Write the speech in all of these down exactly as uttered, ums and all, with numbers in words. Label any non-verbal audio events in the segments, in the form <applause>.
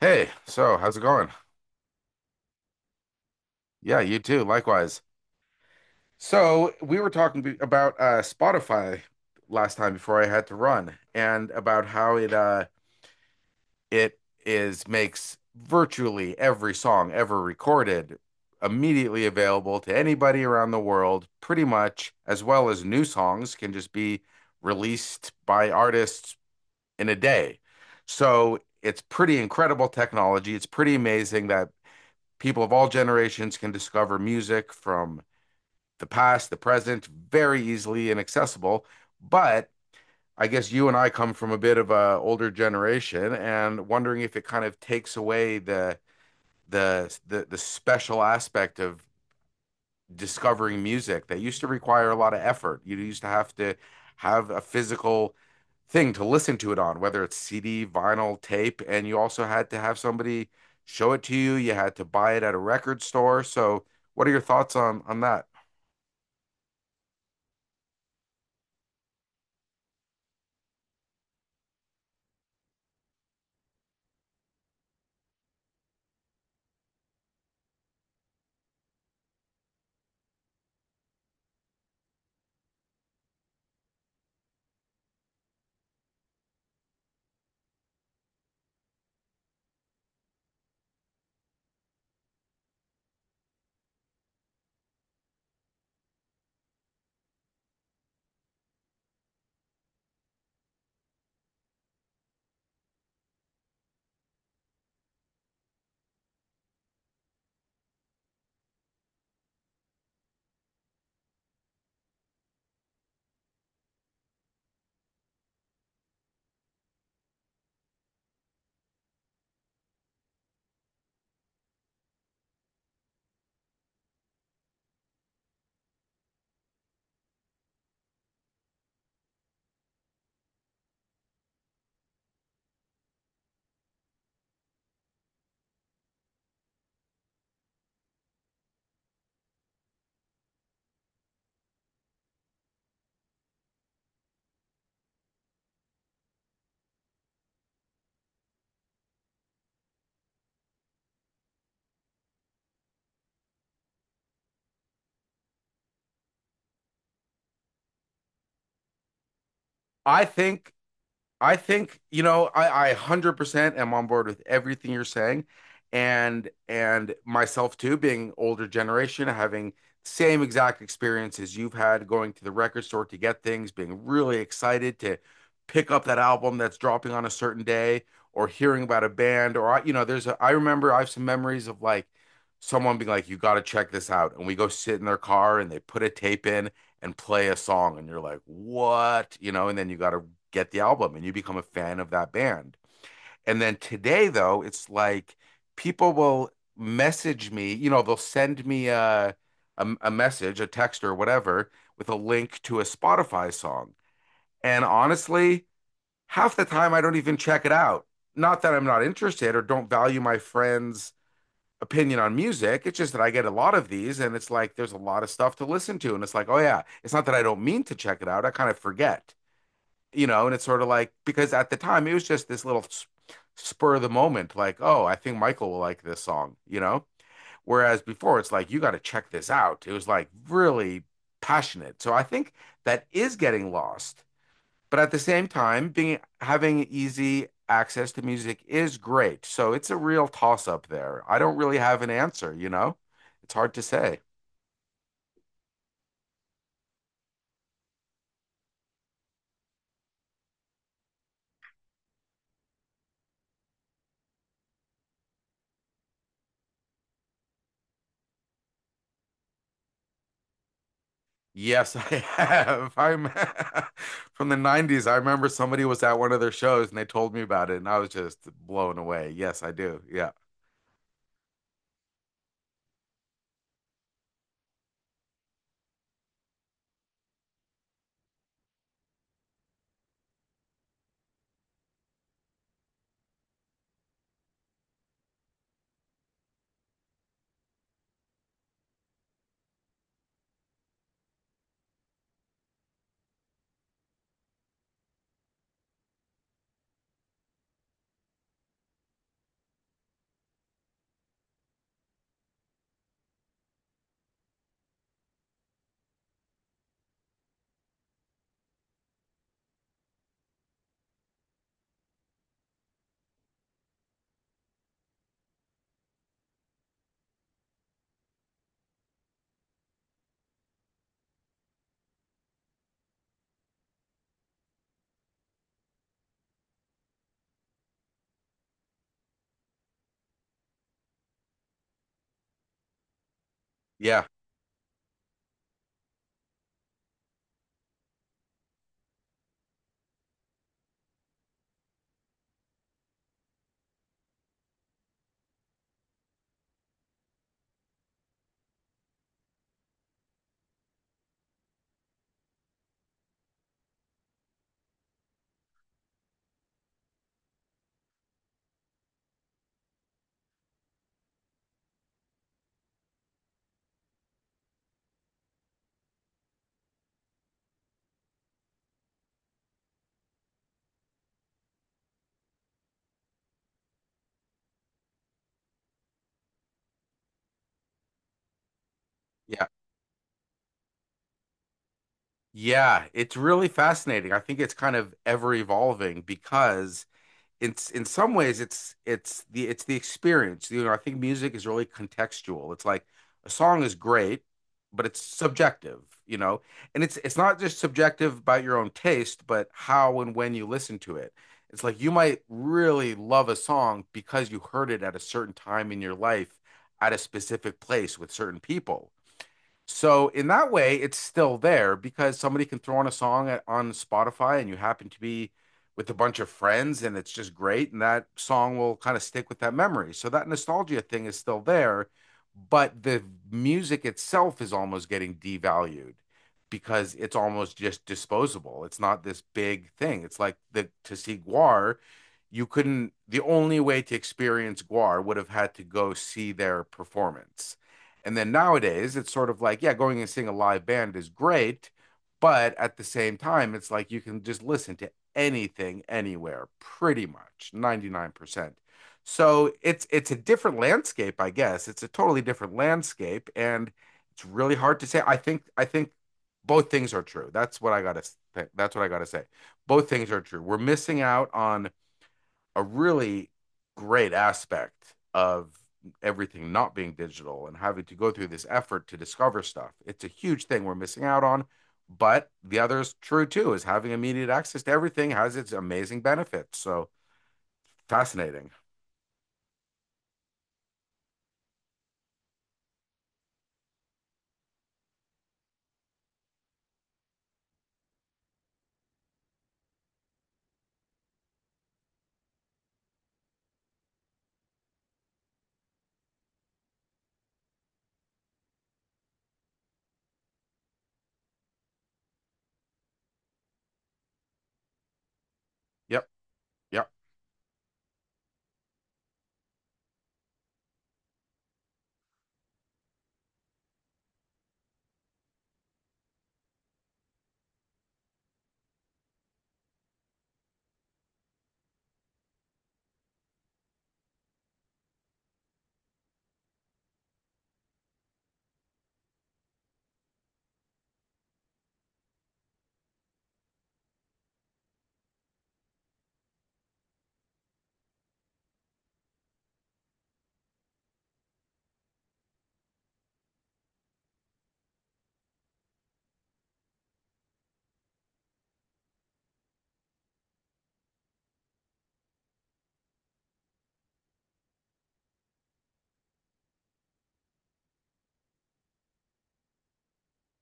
Hey, so how's it going? Yeah, you too, likewise. So, we were talking be- about uh Spotify last time before I had to run, and about how it uh it is makes virtually every song ever recorded immediately available to anybody around the world, pretty much, as well as new songs can just be released by artists in a day. So, it's pretty incredible technology. It's pretty amazing that people of all generations can discover music from the past, the present, very easily and accessible. But I guess you and I come from a bit of an older generation, and wondering if it kind of takes away the the the, the special aspect of discovering music that used to require a lot of effort. You used to have to have a physical thing to listen to it on, whether it's C D, vinyl, tape, and you also had to have somebody show it to you. You had to buy it at a record store. So, what are your thoughts on on that? I think I think, you know, I, I one hundred percent am on board with everything you're saying, and and myself too, being older generation, having same exact experiences you've had, going to the record store to get things, being really excited to pick up that album that's dropping on a certain day, or hearing about a band. Or, I, you know, there's a, I remember I have some memories of like someone being like, you got to check this out. And we go sit in their car and they put a tape in and play a song and you're like, what? You know, and then you got to get the album and you become a fan of that band. And then today, though, it's like people will message me, you know, they'll send me a, a, a message, a text or whatever, with a link to a Spotify song. And honestly, half the time I don't even check it out. Not that I'm not interested or don't value my friends' opinion on music. It's just that I get a lot of these, and it's like there's a lot of stuff to listen to. And it's like, oh yeah, it's not that I don't mean to check it out. I kind of forget, you know, and it's sort of like because at the time it was just this little spur of the moment, like, oh, I think Michael will like this song, you know? Whereas before it's like, you got to check this out. It was like really passionate. So I think that is getting lost. But at the same time, being having easy access to music is great. So it's a real toss up there. I don't really have an answer, you know? It's hard to say. Yes, I have. <laughs> I'm <laughs> from the nineties. I remember somebody was at one of their shows and they told me about it and I was just blown away. Yes, I do. Yeah. Yeah. Yeah. Yeah. It's really fascinating. I think it's kind of ever evolving because it's in some ways it's it's the it's the experience. You know, I think music is really contextual. It's like a song is great, but it's subjective, you know. And it's it's not just subjective about your own taste, but how and when you listen to it. It's like you might really love a song because you heard it at a certain time in your life, at a specific place with certain people. So in that way, it's still there because somebody can throw on a song at, on Spotify, and you happen to be with a bunch of friends and it's just great. And that song will kind of stick with that memory. So that nostalgia thing is still there, but the music itself is almost getting devalued because it's almost just disposable. It's not this big thing. It's like, the to see Guar, you couldn't, the only way to experience Guar would have had to go see their performance. And then nowadays, it's sort of like, yeah, going and seeing a live band is great, but at the same time, it's like you can just listen to anything anywhere, pretty much ninety-nine percent. So it's it's a different landscape, I guess. It's a totally different landscape, and it's really hard to say. I think I think both things are true. That's what I gotta that's what I gotta say. Both things are true. We're missing out on a really great aspect of everything not being digital and having to go through this effort to discover stuff. It's a huge thing we're missing out on. But the other is true too, is having immediate access to everything has its amazing benefits. So fascinating. Yep. Yep.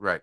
Right.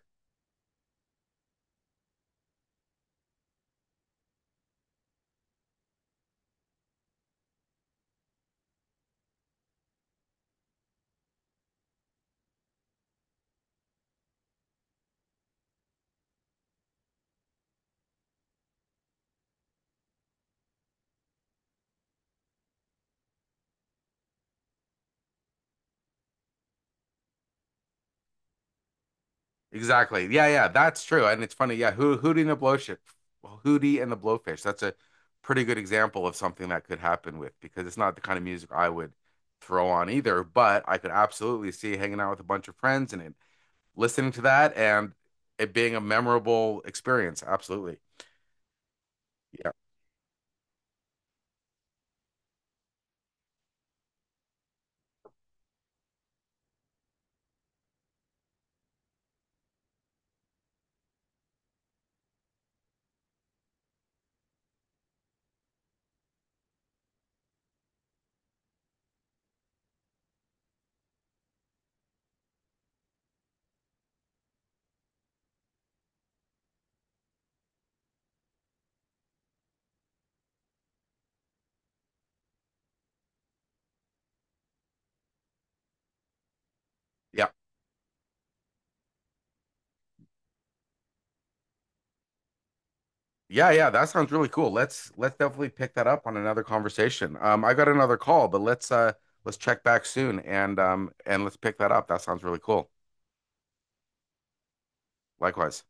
Exactly. Yeah, yeah, that's true. And it's funny. Yeah, Ho Hootie and the Blowfish, Hootie and the Blowfish. That's a pretty good example of something that could happen with, because it's not the kind of music I would throw on either, but I could absolutely see hanging out with a bunch of friends and it, listening to that and it being a memorable experience. Absolutely. Yeah. Yeah. Yeah, yeah, that sounds really cool. Let's let's definitely pick that up on another conversation. Um, I got another call, but let's uh let's check back soon and um and let's pick that up. That sounds really cool. Likewise.